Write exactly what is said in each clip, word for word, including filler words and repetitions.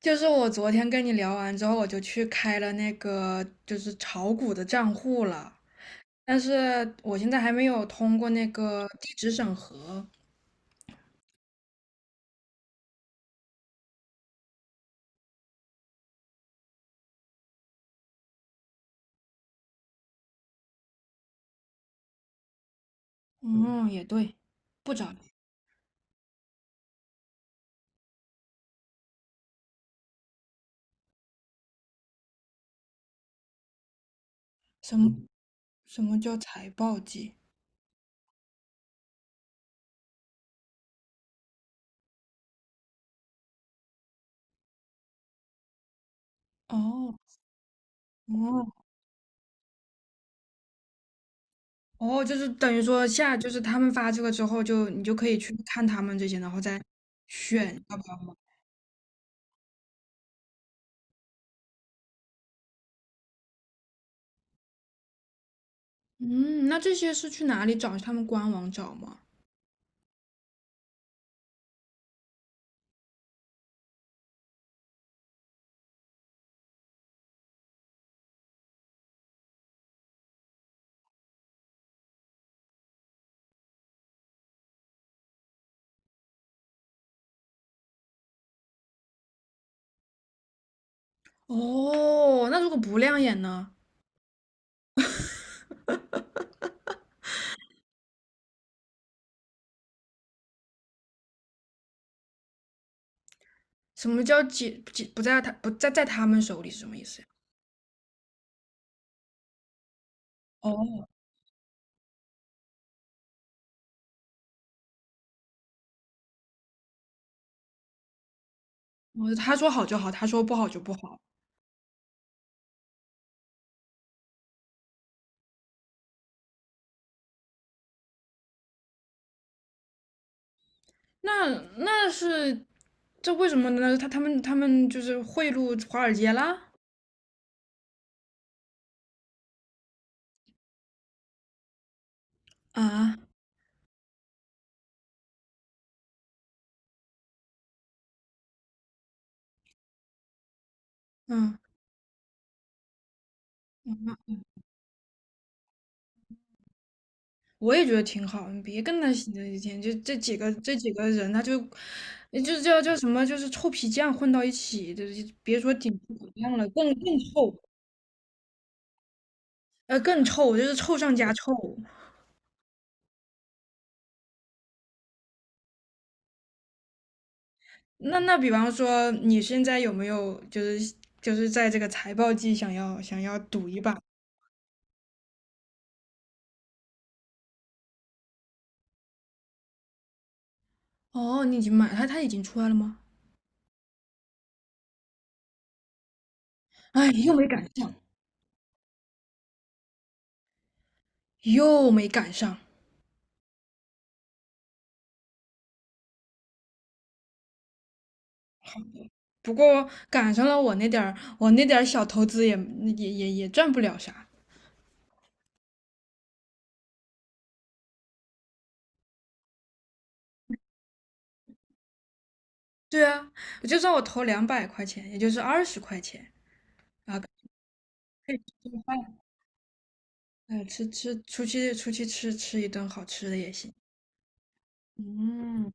就是我昨天跟你聊完之后，我就去开了那个就是炒股的账户了，但是我现在还没有通过那个地址审核。嗯，也对，不着急。什么嗯什么叫财报季？哦哦哦，就是等于说下就是他们发这个之后就，你就可以去看他们这些，然后再选要不要买。嗯，那这些是去哪里找？他们官网找吗？哦，那如果不亮眼呢？什么叫解解不在他不在在他们手里是什么意思呀？哦，我他说好就好，他说不好就不好。那那是这为什么呢？他他们他们就是贿赂华尔街啦？啊，嗯，我也觉得挺好，你别跟他闲着一天，就这几个这几个人，他就就叫叫什么，就是臭皮匠混到一起，就是别说顶皮匠了，更更臭，呃，更臭，就是臭上加臭。那那比方说，你现在有没有就是就是在这个财报季想要想要赌一把？哦，你已经买它，它已经出来了吗？哎，又没赶上，又没赶上。不过赶上了我那点儿，我那点儿小投资也也也也赚不了啥。对啊，就算我投两百块钱，也就是二十块钱啊，可以吃顿饭，哎，吃吃出去出去吃吃一顿好吃的也行。嗯。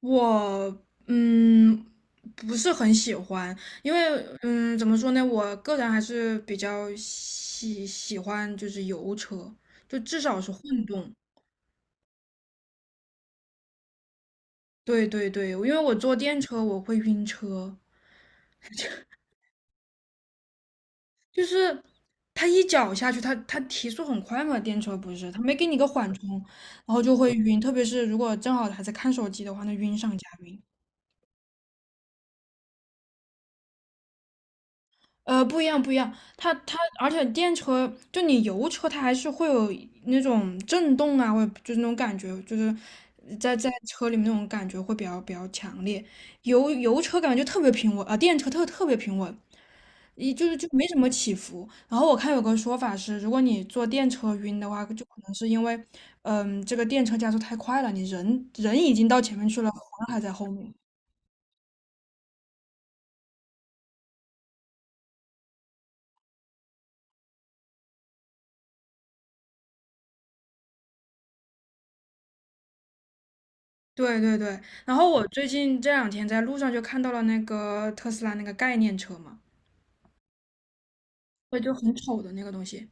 我嗯不是很喜欢，因为嗯怎么说呢，我个人还是比较喜喜欢就是油车，就至少是混动。对对对，因为我坐电车我会晕车，就是它一脚下去，它它提速很快嘛，电车不是，它没给你个缓冲，然后就会晕，特别是如果正好还在看手机的话，那晕上加晕。呃，不一样，不一样。它它，而且电车就你油车，它还是会有那种震动啊，或者就是那种感觉，就是在在车里面那种感觉会比较比较强烈。油油车感觉就特别平稳啊，电车特特别平稳，一就是就没什么起伏。然后我看有个说法是，如果你坐电车晕的话，就可能是因为，嗯，这个电车加速太快了，你人人已经到前面去了，魂儿还在后面。对对对，然后我最近这两天在路上就看到了那个特斯拉那个概念车嘛，对，就很丑的那个东西。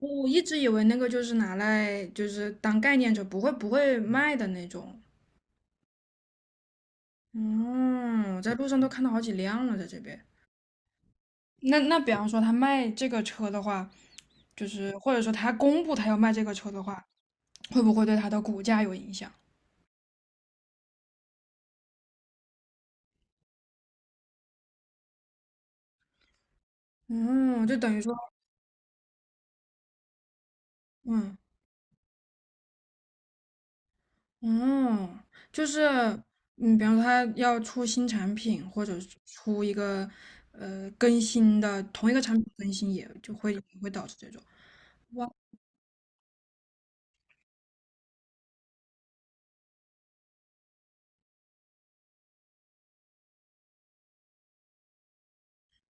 我我一直以为那个就是拿来就是当概念车，不会不会卖的那种。嗯，我在路上都看到好几辆了，在这边。那那比方说他卖这个车的话，就是或者说他公布他要卖这个车的话，会不会对他的股价有影响？嗯，就等于说，嗯。嗯，就是，嗯，比方说他要出新产品，或者是出一个呃更新的同一个产品更新也，就会也会导致这种。哇，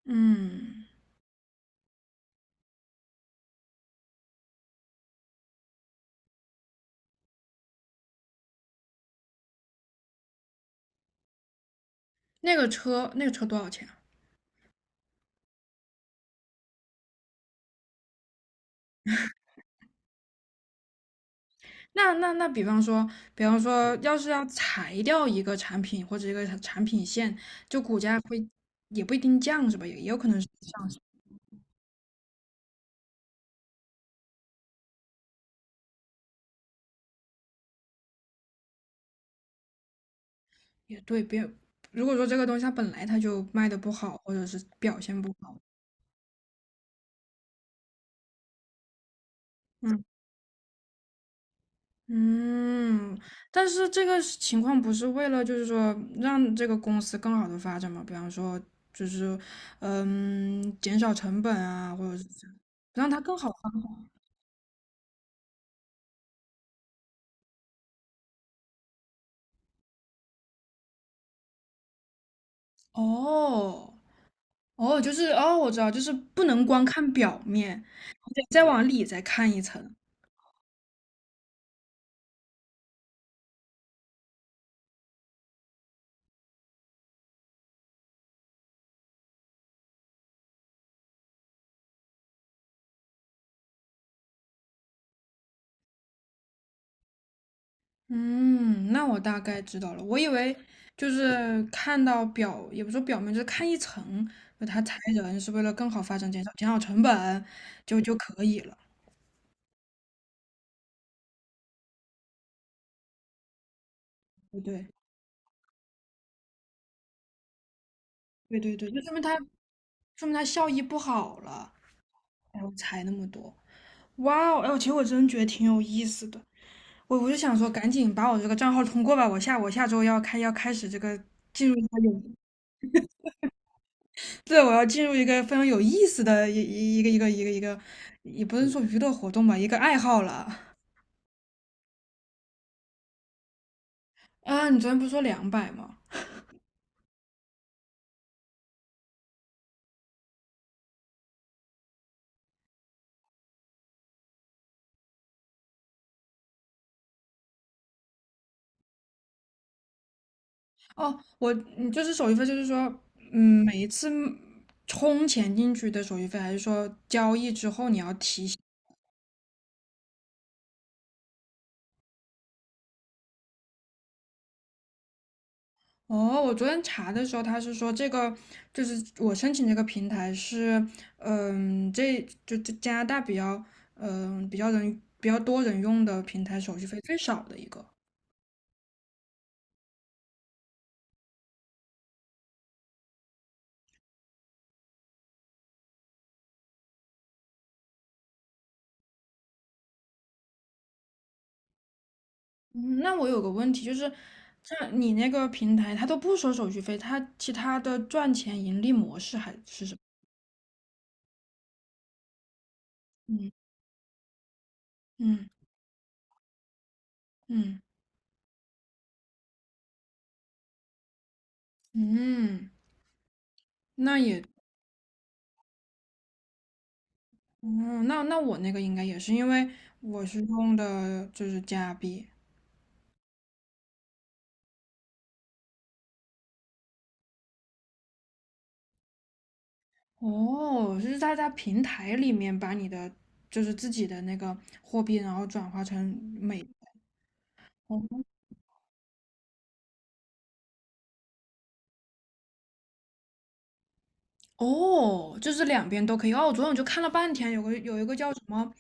嗯，那个车那个车多少钱啊那那那，比方说，比方说，要是要裁掉一个产品或者一个产产品线，就股价会也不一定降是吧？也也有可能是上升。也对，别如果说这个东西它本来它就卖的不好，或者是表现不好，嗯。嗯，但是这个是情况不是为了就是说让这个公司更好的发展嘛？比方说就是嗯减少成本啊，或者是这样让它更好发展。哦哦，就是哦，我知道，就是不能光看表面，得再往里再看一层。嗯，那我大概知道了。我以为就是看到表，也不说表面，就是看一层，就他裁人是为了更好发展，减少减少成本就就可以了。对对对对对，就说明他说明他效益不好了，然后裁那么多。哇哦，哎呦，其实我真觉得挺有意思的。我我就想说，赶紧把我这个账号通过吧，我下我下周要开要开始这个进入一个有，对，我要进入一个非常有意思的一一一个一个一个一个，也不是说娱乐活动吧，一个爱好了。啊，你昨天不是说两百吗？哦，我你就是手续费，就是说，嗯，每一次充钱进去的手续费，还是说交易之后你要提哦，我昨天查的时候，他是说这个就是我申请这个平台是，嗯，这就这加拿大比较，嗯，比较人比较多人用的平台，手续费最少的一个。嗯，那我有个问题就是，这你那个平台，它都不收手续费，它其他的赚钱盈利模式还是什么？嗯嗯嗯嗯，那也，嗯，那那我那个应该也是，因为我是用的就是加币。哦，是在在平台里面把你的就是自己的那个货币，然后转化成美元哦，哦，就是两边都可以。哦，我昨天我就看了半天，有个有一个叫什么，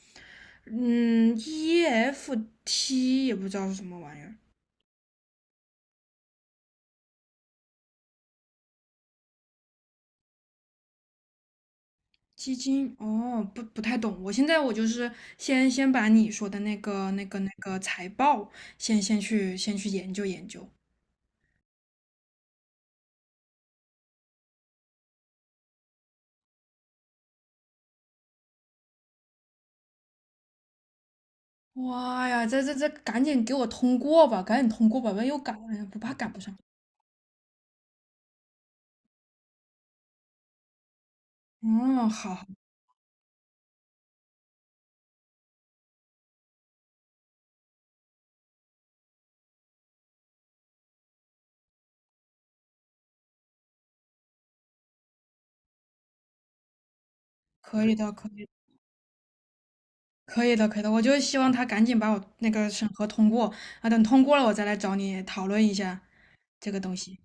嗯，E F T 也不知道是什么玩意儿，基金。哦，不不太懂。我现在我就是先先把你说的那个那个那个财报先先去先去研究研究。哇呀，这这这，赶紧给我通过吧，赶紧通过吧，万一又赶不怕赶不上。嗯，好，好可以的，可以，可以的，可以的。我就希望他赶紧把我那个审核通过啊，等通过了，我再来找你讨论一下这个东西。